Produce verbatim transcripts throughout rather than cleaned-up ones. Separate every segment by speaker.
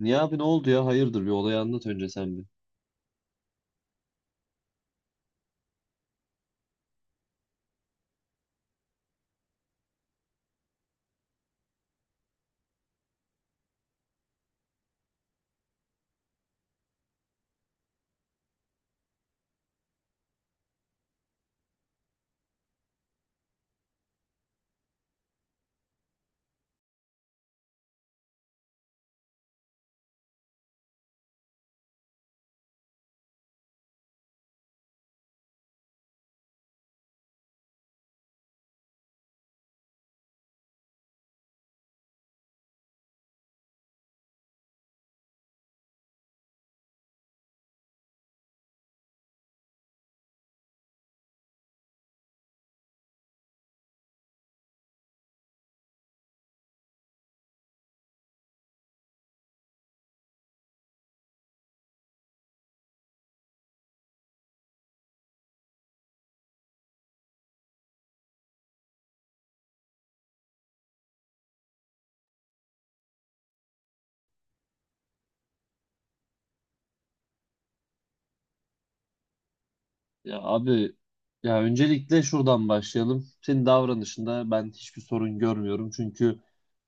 Speaker 1: Niye abi ne oldu ya? Hayırdır bir olayı anlat önce sen bir. Ya abi ya öncelikle şuradan başlayalım. Senin davranışında ben hiçbir sorun görmüyorum. Çünkü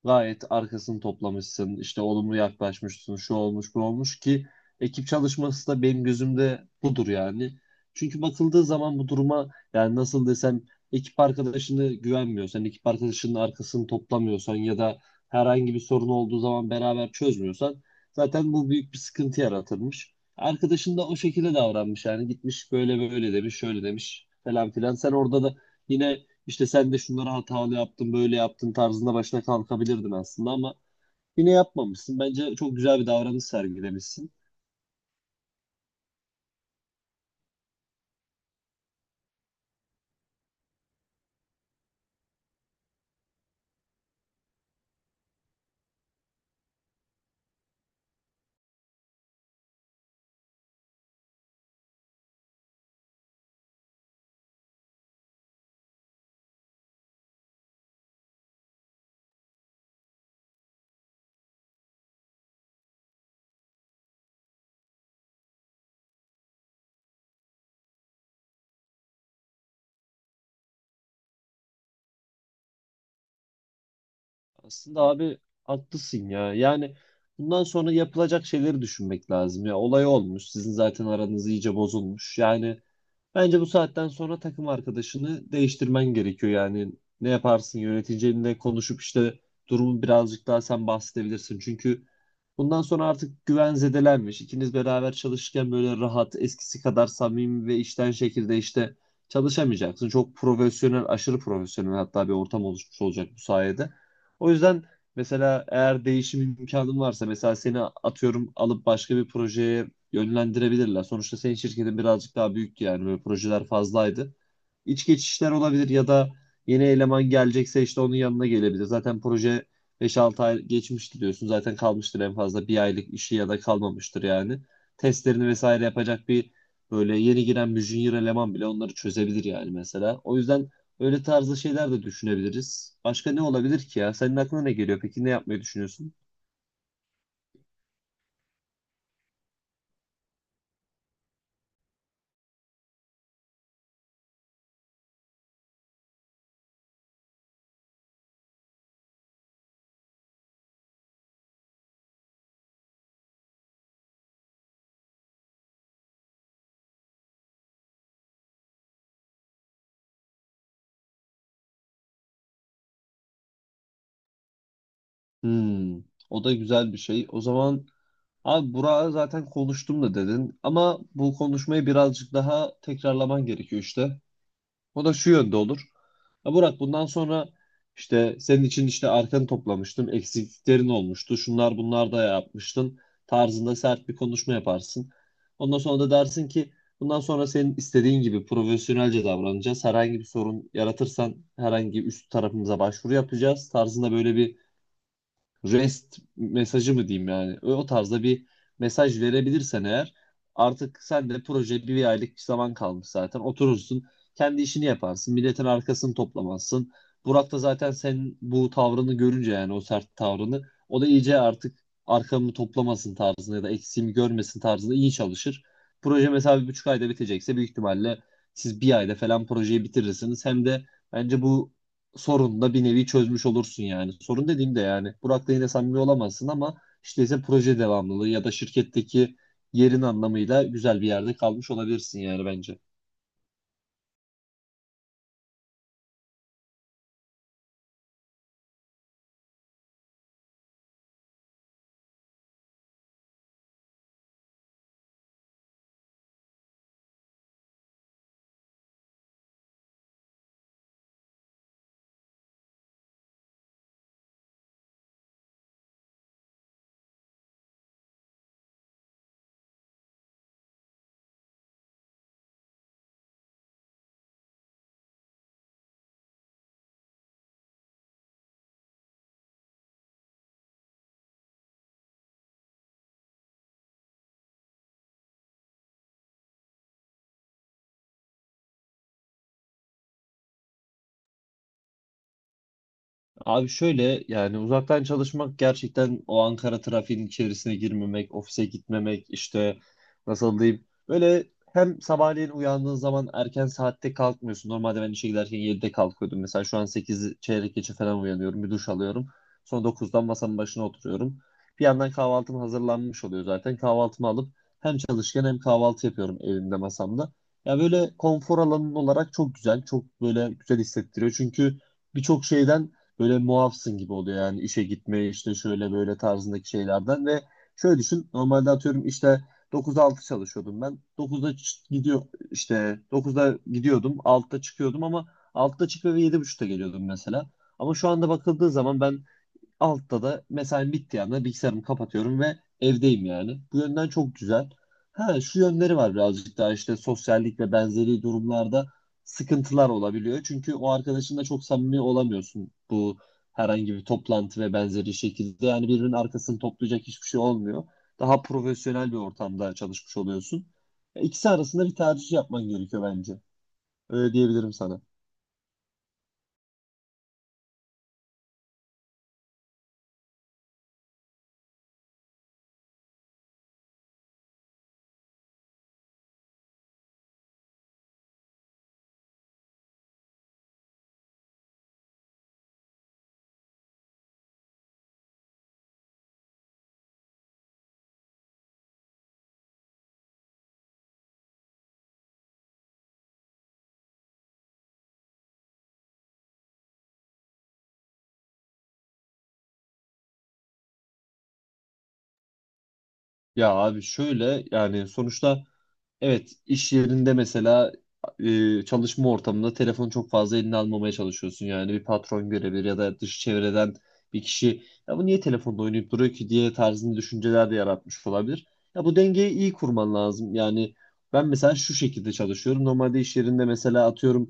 Speaker 1: gayet arkasını toplamışsın. İşte olumlu yaklaşmışsın. Şu olmuş bu olmuş ki ekip çalışması da benim gözümde budur yani. Çünkü bakıldığı zaman bu duruma yani nasıl desem, ekip arkadaşını güvenmiyorsan, ekip arkadaşının arkasını toplamıyorsan ya da herhangi bir sorun olduğu zaman beraber çözmüyorsan, zaten bu büyük bir sıkıntı yaratırmış. Arkadaşın da o şekilde davranmış yani gitmiş böyle böyle demiş şöyle demiş falan filan. Sen orada da yine işte sen de şunları hatalı yaptın böyle yaptın tarzında başına kalkabilirdin aslında, ama yine yapmamışsın. Bence çok güzel bir davranış sergilemişsin. Aslında abi haklısın ya. Yani bundan sonra yapılacak şeyleri düşünmek lazım. Ya olay olmuş. Sizin zaten aranız iyice bozulmuş. Yani bence bu saatten sonra takım arkadaşını değiştirmen gerekiyor. Yani ne yaparsın, yöneticinle konuşup işte durumu birazcık daha sen bahsedebilirsin. Çünkü bundan sonra artık güven zedelenmiş. İkiniz beraber çalışırken böyle rahat, eskisi kadar samimi ve işten şekilde işte çalışamayacaksın. Çok profesyonel, aşırı profesyonel hatta bir ortam oluşmuş olacak bu sayede. O yüzden mesela eğer değişim imkanın varsa, mesela seni atıyorum alıp başka bir projeye yönlendirebilirler. Sonuçta senin şirketin birazcık daha büyüktü yani, böyle projeler fazlaydı. İç geçişler olabilir ya da yeni eleman gelecekse işte onun yanına gelebilir. Zaten proje beş altı ay geçmişti diyorsun. Zaten kalmıştır en fazla bir aylık işi ya da kalmamıştır yani. Testlerini vesaire yapacak bir böyle yeni giren bir junior eleman bile onları çözebilir yani mesela. O yüzden öyle tarzda şeyler de düşünebiliriz. Başka ne olabilir ki ya? Senin aklına ne geliyor? Peki ne yapmayı düşünüyorsun? Hmm, o da güzel bir şey. O zaman abi Burak'a zaten konuştum da dedin. Ama bu konuşmayı birazcık daha tekrarlaman gerekiyor işte. O da şu yönde olur. Ya Murat, bundan sonra işte senin için işte arkanı toplamıştım. Eksikliklerin olmuştu. Şunlar bunlar da yapmıştın. Tarzında sert bir konuşma yaparsın. Ondan sonra da dersin ki bundan sonra senin istediğin gibi profesyonelce davranacağız. Herhangi bir sorun yaratırsan herhangi üst tarafımıza başvuru yapacağız. Tarzında böyle bir rest mesajı mı diyeyim, yani o o tarzda bir mesaj verebilirsen eğer, artık sen de proje bir aylık bir zaman kalmış zaten, oturursun kendi işini yaparsın, milletin arkasını toplamazsın. Burak da zaten senin bu tavrını görünce, yani o sert tavrını, o da iyice artık arkamı toplamasın tarzında ya da eksiğimi görmesin tarzında iyi çalışır. Proje mesela bir buçuk ayda bitecekse büyük ihtimalle siz bir ayda falan projeyi bitirirsiniz. Hem de bence bu sorununu da bir nevi çözmüş olursun yani. Sorun dediğimde yani Burak'la yine samimi olamazsın, ama işte ise proje devamlılığı ya da şirketteki yerin anlamıyla güzel bir yerde kalmış olabilirsin yani, bence. Abi şöyle, yani uzaktan çalışmak gerçekten o Ankara trafiğinin içerisine girmemek, ofise gitmemek işte, nasıl diyeyim böyle, hem sabahleyin uyandığın zaman erken saatte kalkmıyorsun. Normalde ben işe giderken yedide kalkıyordum. Mesela şu an sekiz çeyrek geçe falan uyanıyorum. Bir duş alıyorum. Sonra dokuzdan masanın başına oturuyorum. Bir yandan kahvaltım hazırlanmış oluyor zaten. Kahvaltımı alıp hem çalışırken hem kahvaltı yapıyorum evimde masamda. Ya böyle konfor alanın olarak çok güzel. Çok böyle güzel hissettiriyor. Çünkü birçok şeyden böyle muafsın gibi oluyor, yani işe gitme işte şöyle böyle tarzındaki şeylerden. Ve şöyle düşün, normalde atıyorum işte dokuzdan altıya çalışıyordum, ben dokuzda ç- gidiyor işte dokuzda gidiyordum, altıda çıkıyordum, ama altıda çıkıyor ve yedi buçukta geliyordum mesela. Ama şu anda bakıldığı zaman ben altta da mesai bittiği anda bilgisayarımı kapatıyorum ve evdeyim yani. Bu yönden çok güzel. Ha, şu yönleri var, birazcık daha işte sosyallik ve benzeri durumlarda sıkıntılar olabiliyor. Çünkü o arkadaşınla çok samimi olamıyorsun bu herhangi bir toplantı ve benzeri şekilde. Yani birbirinin arkasını toplayacak hiçbir şey olmuyor. Daha profesyonel bir ortamda çalışmış oluyorsun. E, İkisi arasında bir tercih yapman gerekiyor bence. Öyle diyebilirim sana. Ya abi şöyle, yani sonuçta, evet, iş yerinde mesela, e, çalışma ortamında telefonu çok fazla eline almamaya çalışıyorsun. Yani bir patron görebilir ya da dış çevreden bir kişi ya bu niye telefonda oynayıp duruyor ki diye tarzında düşünceler de yaratmış olabilir. Ya bu dengeyi iyi kurman lazım. Yani ben mesela şu şekilde çalışıyorum. Normalde iş yerinde mesela atıyorum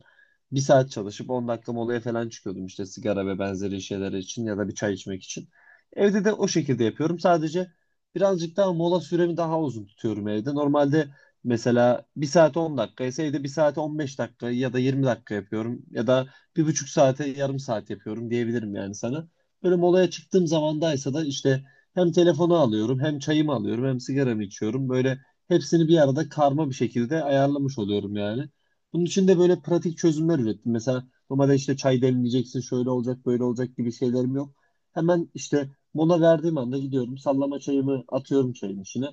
Speaker 1: bir saat çalışıp on dakika molaya falan çıkıyordum işte sigara ve benzeri şeyler için ya da bir çay içmek için. Evde de o şekilde yapıyorum. Sadece birazcık daha mola süremi daha uzun tutuyorum evde. Normalde, mesela bir saate on dakika ise, evde bir saate on beş dakika ya da yirmi dakika yapıyorum ya da bir buçuk saate yarım saat yapıyorum diyebilirim yani sana. Böyle molaya çıktığım zamandaysa da işte hem telefonu alıyorum hem çayımı alıyorum hem sigaramı içiyorum. Böyle hepsini bir arada karma bir şekilde ayarlamış oluyorum yani. Bunun için de böyle pratik çözümler ürettim. Mesela normalde işte çay demleyeceksin şöyle olacak böyle olacak gibi şeylerim yok. Hemen işte mola verdiğim anda gidiyorum, sallama çayımı atıyorum çayın içine.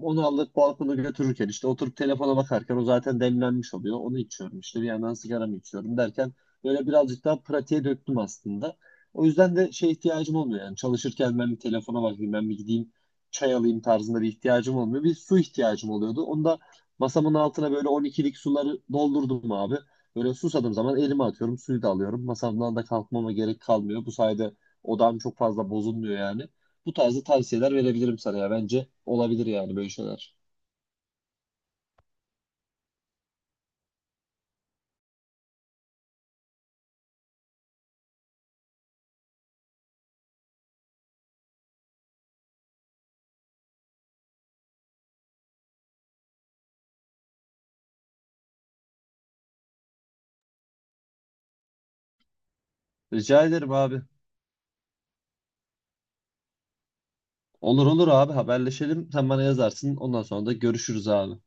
Speaker 1: Onu alıp balkona götürürken işte oturup telefona bakarken o zaten demlenmiş oluyor. Onu içiyorum işte bir yandan sigaramı içiyorum derken böyle birazcık daha pratiğe döktüm aslında. O yüzden de şey ihtiyacım olmuyor, yani çalışırken ben bir telefona bakayım ben bir gideyim çay alayım tarzında bir ihtiyacım olmuyor. Bir su ihtiyacım oluyordu. Onu da masamın altına böyle on ikilik suları doldurdum abi. Böyle susadığım zaman elime atıyorum, suyu da alıyorum. Masamdan da kalkmama gerek kalmıyor. Bu sayede odam çok fazla bozulmuyor yani. Bu tarzda tavsiyeler verebilirim sana ya. Bence olabilir yani böyle şeyler. Rica ederim abi. Olur olur abi, haberleşelim. Sen bana yazarsın. Ondan sonra da görüşürüz abi.